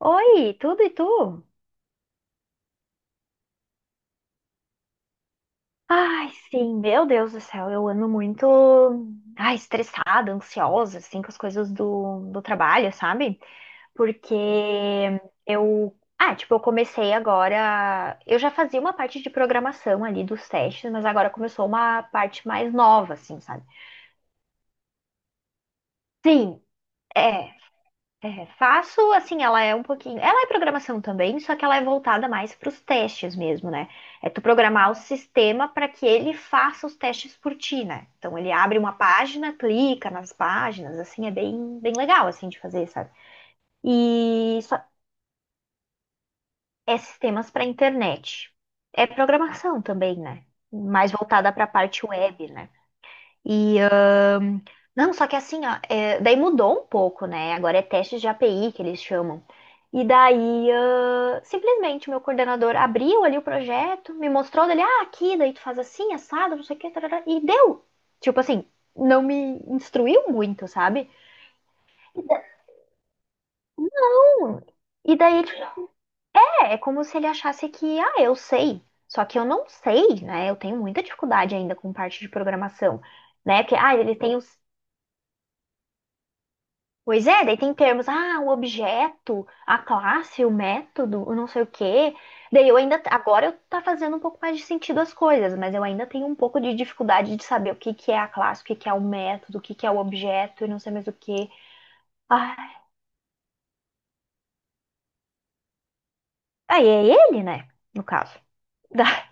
Oi, tudo e tu? Ai, sim, meu Deus do céu, eu ando muito, ai, estressada, ansiosa, assim, com as coisas do trabalho, sabe? Porque eu, tipo, eu comecei agora, eu já fazia uma parte de programação ali dos testes, mas agora começou uma parte mais nova, assim, sabe? Sim, é. É, faço, assim, ela é um pouquinho. Ela é programação também, só que ela é voltada mais para os testes mesmo, né? É tu programar o sistema para que ele faça os testes por ti, né? Então ele abre uma página, clica nas páginas, assim, é bem, bem legal, assim, de fazer, sabe? E só- é sistemas para internet. É programação também, né? Mais voltada para a parte web, né? E Não, só que assim, ó, é, daí mudou um pouco, né? Agora é testes de API que eles chamam. E daí, simplesmente, o meu coordenador abriu ali o projeto, me mostrou dele, aqui, daí tu faz assim, assado, não sei o que, tarará, e deu. Tipo assim, não me instruiu muito, sabe? E daí, tipo, é como se ele achasse que, eu sei. Só que eu não sei, né? Eu tenho muita dificuldade ainda com parte de programação, né? Porque, ele tem os. Pois é, daí tem termos, o objeto, a classe, o método, o não sei o quê. Daí eu ainda, agora eu tá fazendo um pouco mais de sentido as coisas, mas eu ainda tenho um pouco de dificuldade de saber o que que é a classe, o que que é o método, o que que é o objeto e não sei mais o quê. Ah, aí é ele, né? No caso. Da-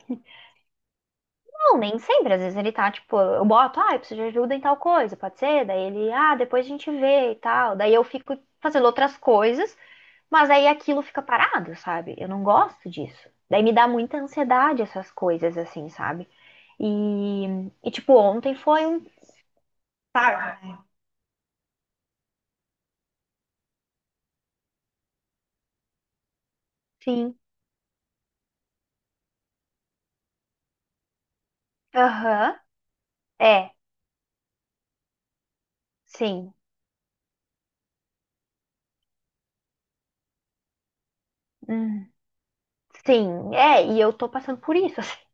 Não, nem sempre, às vezes ele tá, tipo, eu boto, eu preciso de ajuda em tal coisa, pode ser? Daí ele, depois a gente vê e tal. Daí eu fico fazendo outras coisas. Mas aí aquilo fica parado, sabe? Eu não gosto disso. Daí me dá muita ansiedade essas coisas, assim, sabe? E, e tipo, ontem foi um. Tá, sim. Aham. É, sim. Hum, sim. É, e eu tô passando por isso, assim.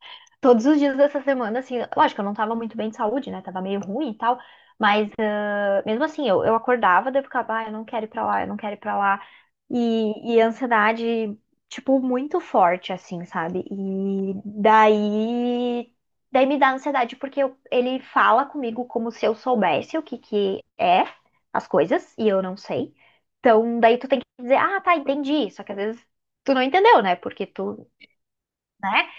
Todos os dias dessa semana, assim. Lógico, eu não tava muito bem de saúde, né? Tava meio ruim e tal. Mas, mesmo assim, eu, acordava, daí eu ficava, eu não quero ir pra lá, eu não quero ir pra lá. E ansiedade, tipo, muito forte, assim, sabe? E daí. Daí me dá ansiedade, porque ele fala comigo como se eu soubesse o que que é as coisas, e eu não sei. Então, daí tu tem que dizer, ah, tá, entendi. Só que às vezes tu não entendeu, né? Porque tu, né?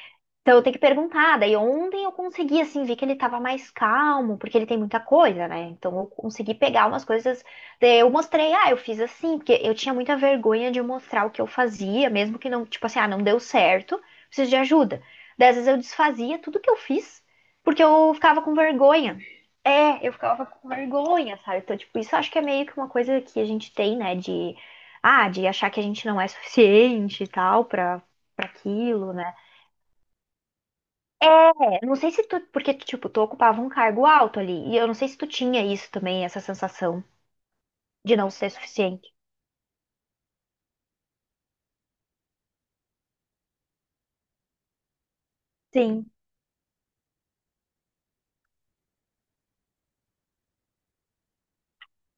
Então eu tenho que perguntar. Daí ontem eu consegui, assim, ver que ele tava mais calmo, porque ele tem muita coisa, né? Então eu consegui pegar umas coisas. Daí eu mostrei, eu fiz assim, porque eu tinha muita vergonha de mostrar o que eu fazia, mesmo que não, tipo assim, não deu certo, preciso de ajuda. Daí às vezes eu desfazia tudo que eu fiz, porque eu ficava com vergonha. É, eu ficava com vergonha, sabe? Então, tipo, isso eu acho que é meio que uma coisa que a gente tem, né? De achar que a gente não é suficiente e tal pra aquilo, né? Eu não sei se tu, porque tipo, tu ocupava um cargo alto ali, e eu não sei se tu tinha isso também, essa sensação de não ser suficiente. Sim,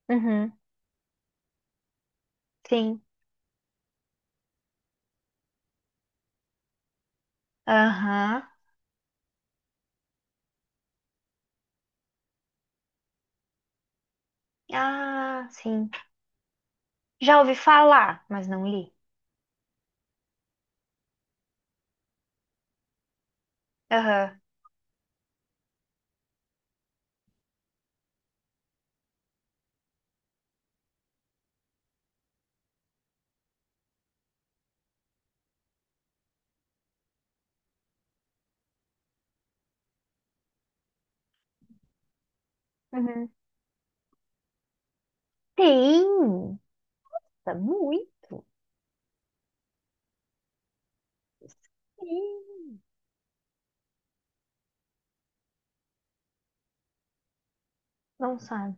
uhum, sim, aham, ah, sim. Já ouvi falar, mas não li. Aham, uhum. Tem, tá muito. Sim, não sabe.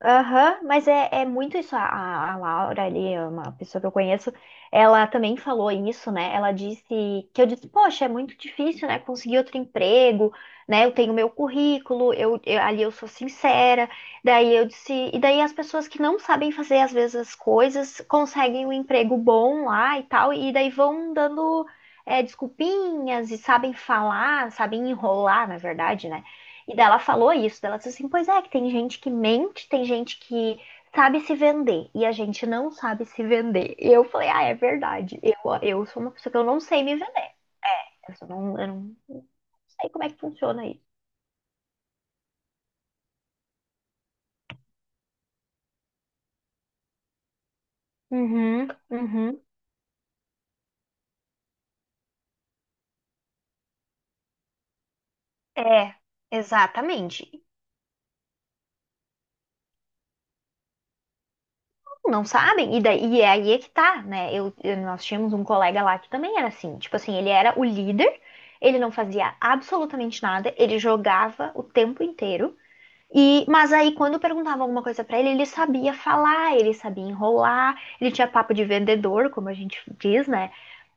Aham, mas é muito isso. A Laura ali, é uma pessoa que eu conheço, ela também falou isso, né? Ela disse que eu disse, poxa, é muito difícil, né? Conseguir outro emprego, né? Eu tenho meu currículo, ali eu sou sincera. Daí eu disse, e daí as pessoas que não sabem fazer às vezes as coisas conseguem um emprego bom lá e tal, e daí vão dando desculpinhas e sabem falar, sabem enrolar, na verdade, né? E dela falou isso, dela disse assim, pois é, que tem gente que mente, tem gente que sabe se vender, e a gente não sabe se vender. E eu falei, ah, é verdade, eu sou uma pessoa que eu não sei me vender, eu não sei como é que funciona isso. Uhum, uhum. É, exatamente. Não sabem, e, daí, e é aí é que tá, né? Nós tínhamos um colega lá que também era assim, tipo assim, ele era o líder, ele não fazia absolutamente nada, ele jogava o tempo inteiro. Mas aí, quando perguntava alguma coisa pra ele, ele sabia falar, ele sabia enrolar, ele tinha papo de vendedor, como a gente diz, né?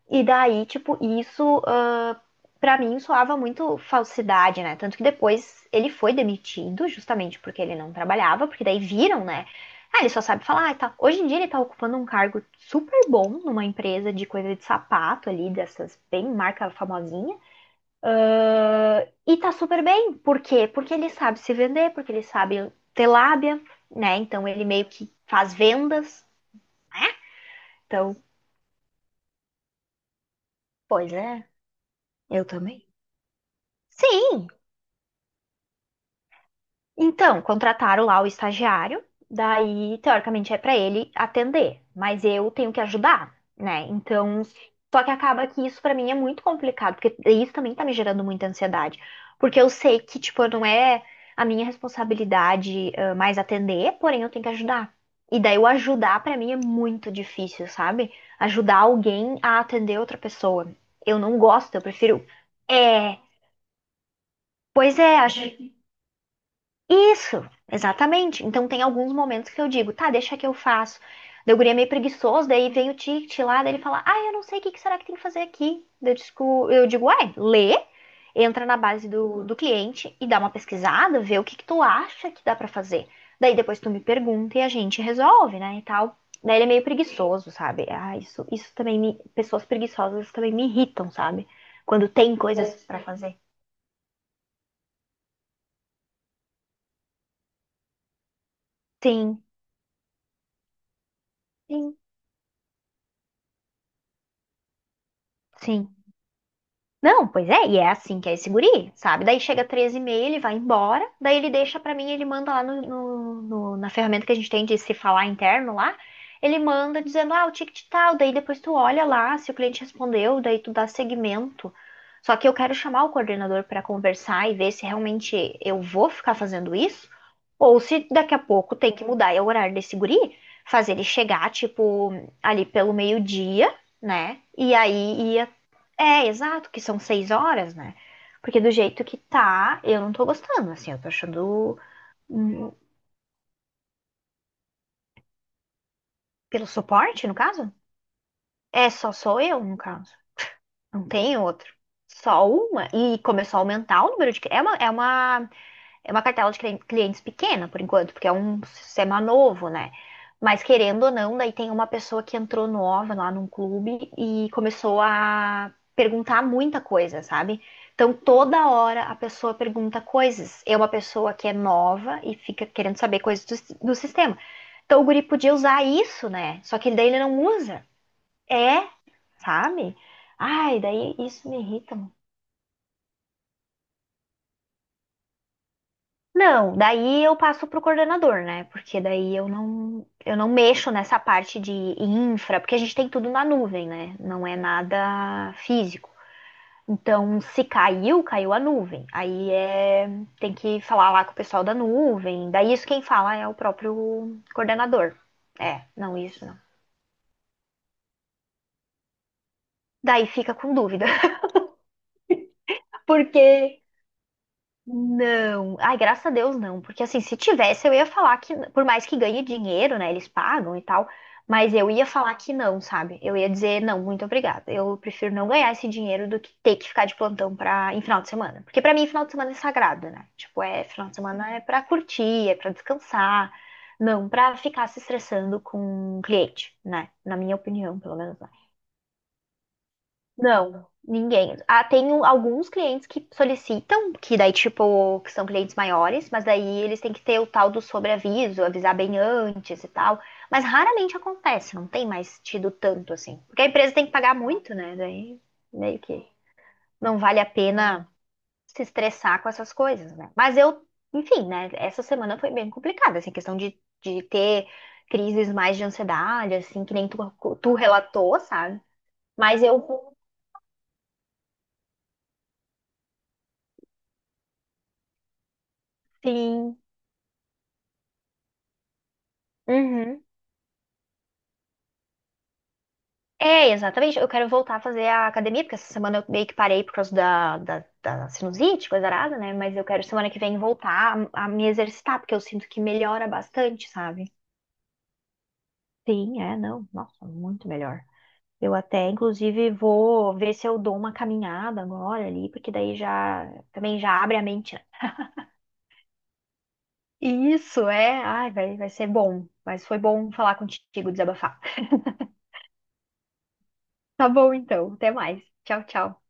E daí, tipo, isso, pra mim soava muito falsidade, né? Tanto que depois ele foi demitido, justamente porque ele não trabalhava, porque daí viram, né? Ah, ele só sabe falar e tal. Hoje em dia ele tá ocupando um cargo super bom numa empresa de coisa de sapato ali, dessas bem marca famosinha. Ah, e tá super bem. Por quê? Porque ele sabe se vender, porque ele sabe ter lábia, né? Então ele meio que faz vendas. Então, pois é, eu também. Sim, então, contrataram lá o estagiário, daí, teoricamente, é para ele atender, mas eu tenho que ajudar, né? Então, só que acaba que isso para mim é muito complicado, porque isso também tá me gerando muita ansiedade, porque eu sei que, tipo, não é a minha responsabilidade, mais atender, porém eu tenho que ajudar. E daí o ajudar para mim é muito difícil, sabe? Ajudar alguém a atender outra pessoa. Eu não gosto, eu prefiro. É, pois é, acho isso, exatamente. Então tem alguns momentos que eu digo, tá, deixa que eu faço. Daí o guri é meio preguiçoso, daí vem o ticket lá, daí ele fala, eu não sei o que que será que tem que fazer aqui. Daí eu digo, ué, lê, entra na base do cliente e dá uma pesquisada, vê o que que tu acha que dá pra fazer. Daí depois tu me pergunta e a gente resolve, né, e tal. Daí ele é meio preguiçoso, sabe? Ah, isso também pessoas preguiçosas também me irritam, sabe? Quando tem coisas pra fazer. Sim, sim, sim. Não, pois é, e é assim que é esse guri, sabe? Daí chega 13 e meia, ele vai embora, daí ele deixa pra mim, ele manda lá na ferramenta que a gente tem de se falar interno lá, ele manda dizendo, o ticket tal, daí depois tu olha lá se o cliente respondeu, daí tu dá seguimento. Só que eu quero chamar o coordenador pra conversar e ver se realmente eu vou ficar fazendo isso, ou se daqui a pouco tem que mudar é o horário desse guri, fazer ele chegar, tipo, ali pelo meio-dia, né? E aí ir é, exato, que são 6 horas, né? Porque do jeito que tá, eu não tô gostando, assim, eu tô achando. Hum. Pelo suporte, no caso? É, só sou eu, no caso. Não tem outro. Só uma. E começou a aumentar o número de. É uma cartela de clientes pequena, por enquanto, porque é um sistema novo, né? Mas querendo ou não, daí tem uma pessoa que entrou nova lá num clube e começou a perguntar muita coisa, sabe? Então toda hora a pessoa pergunta coisas. É uma pessoa que é nova e fica querendo saber coisas do sistema. Então o guri podia usar isso, né? Só que daí ele não usa. É, sabe? Ai, daí isso me irrita. Não, daí eu passo para o coordenador, né? Porque daí eu não mexo nessa parte de infra, porque a gente tem tudo na nuvem, né? Não é nada físico. Então, se caiu, caiu a nuvem. Aí é, tem que falar lá com o pessoal da nuvem. Daí isso quem fala é o próprio coordenador. É, não isso não. Daí fica com dúvida, porque. Não, ai, graças a Deus não, porque assim, se tivesse eu ia falar que, por mais que ganhe dinheiro, né, eles pagam e tal, mas eu ia falar que não, sabe? Eu ia dizer não, muito obrigada. Eu prefiro não ganhar esse dinheiro do que ter que ficar de plantão para em final de semana, porque pra mim final de semana é sagrado, né? Tipo, é final de semana é pra curtir, é pra descansar, não pra ficar se estressando com o cliente, né? Na minha opinião, pelo menos, né? Não, ninguém. Ah, tem alguns clientes que solicitam, que daí, tipo, que são clientes maiores, mas daí eles têm que ter o tal do sobreaviso, avisar bem antes e tal. Mas raramente acontece, não tem mais tido tanto assim. Porque a empresa tem que pagar muito, né? Daí meio que não vale a pena se estressar com essas coisas, né? Mas eu, enfim, né? Essa semana foi bem complicada, assim, questão de ter crises mais de ansiedade, assim, que nem tu relatou, sabe? Mas eu, sim. Uhum. É, exatamente. Eu quero voltar a fazer a academia, porque essa semana eu meio que parei por causa da sinusite, coisa arada, né? Mas eu quero semana que vem voltar a me exercitar, porque eu sinto que melhora bastante, sabe? Sim, é, não. Nossa, muito melhor. Eu até, inclusive, vou ver se eu dou uma caminhada agora ali, porque daí já também já abre a mente, né? Isso, é. Ai, vai, vai ser bom. Mas foi bom falar contigo, desabafar. Tá bom, então. Até mais. Tchau, tchau.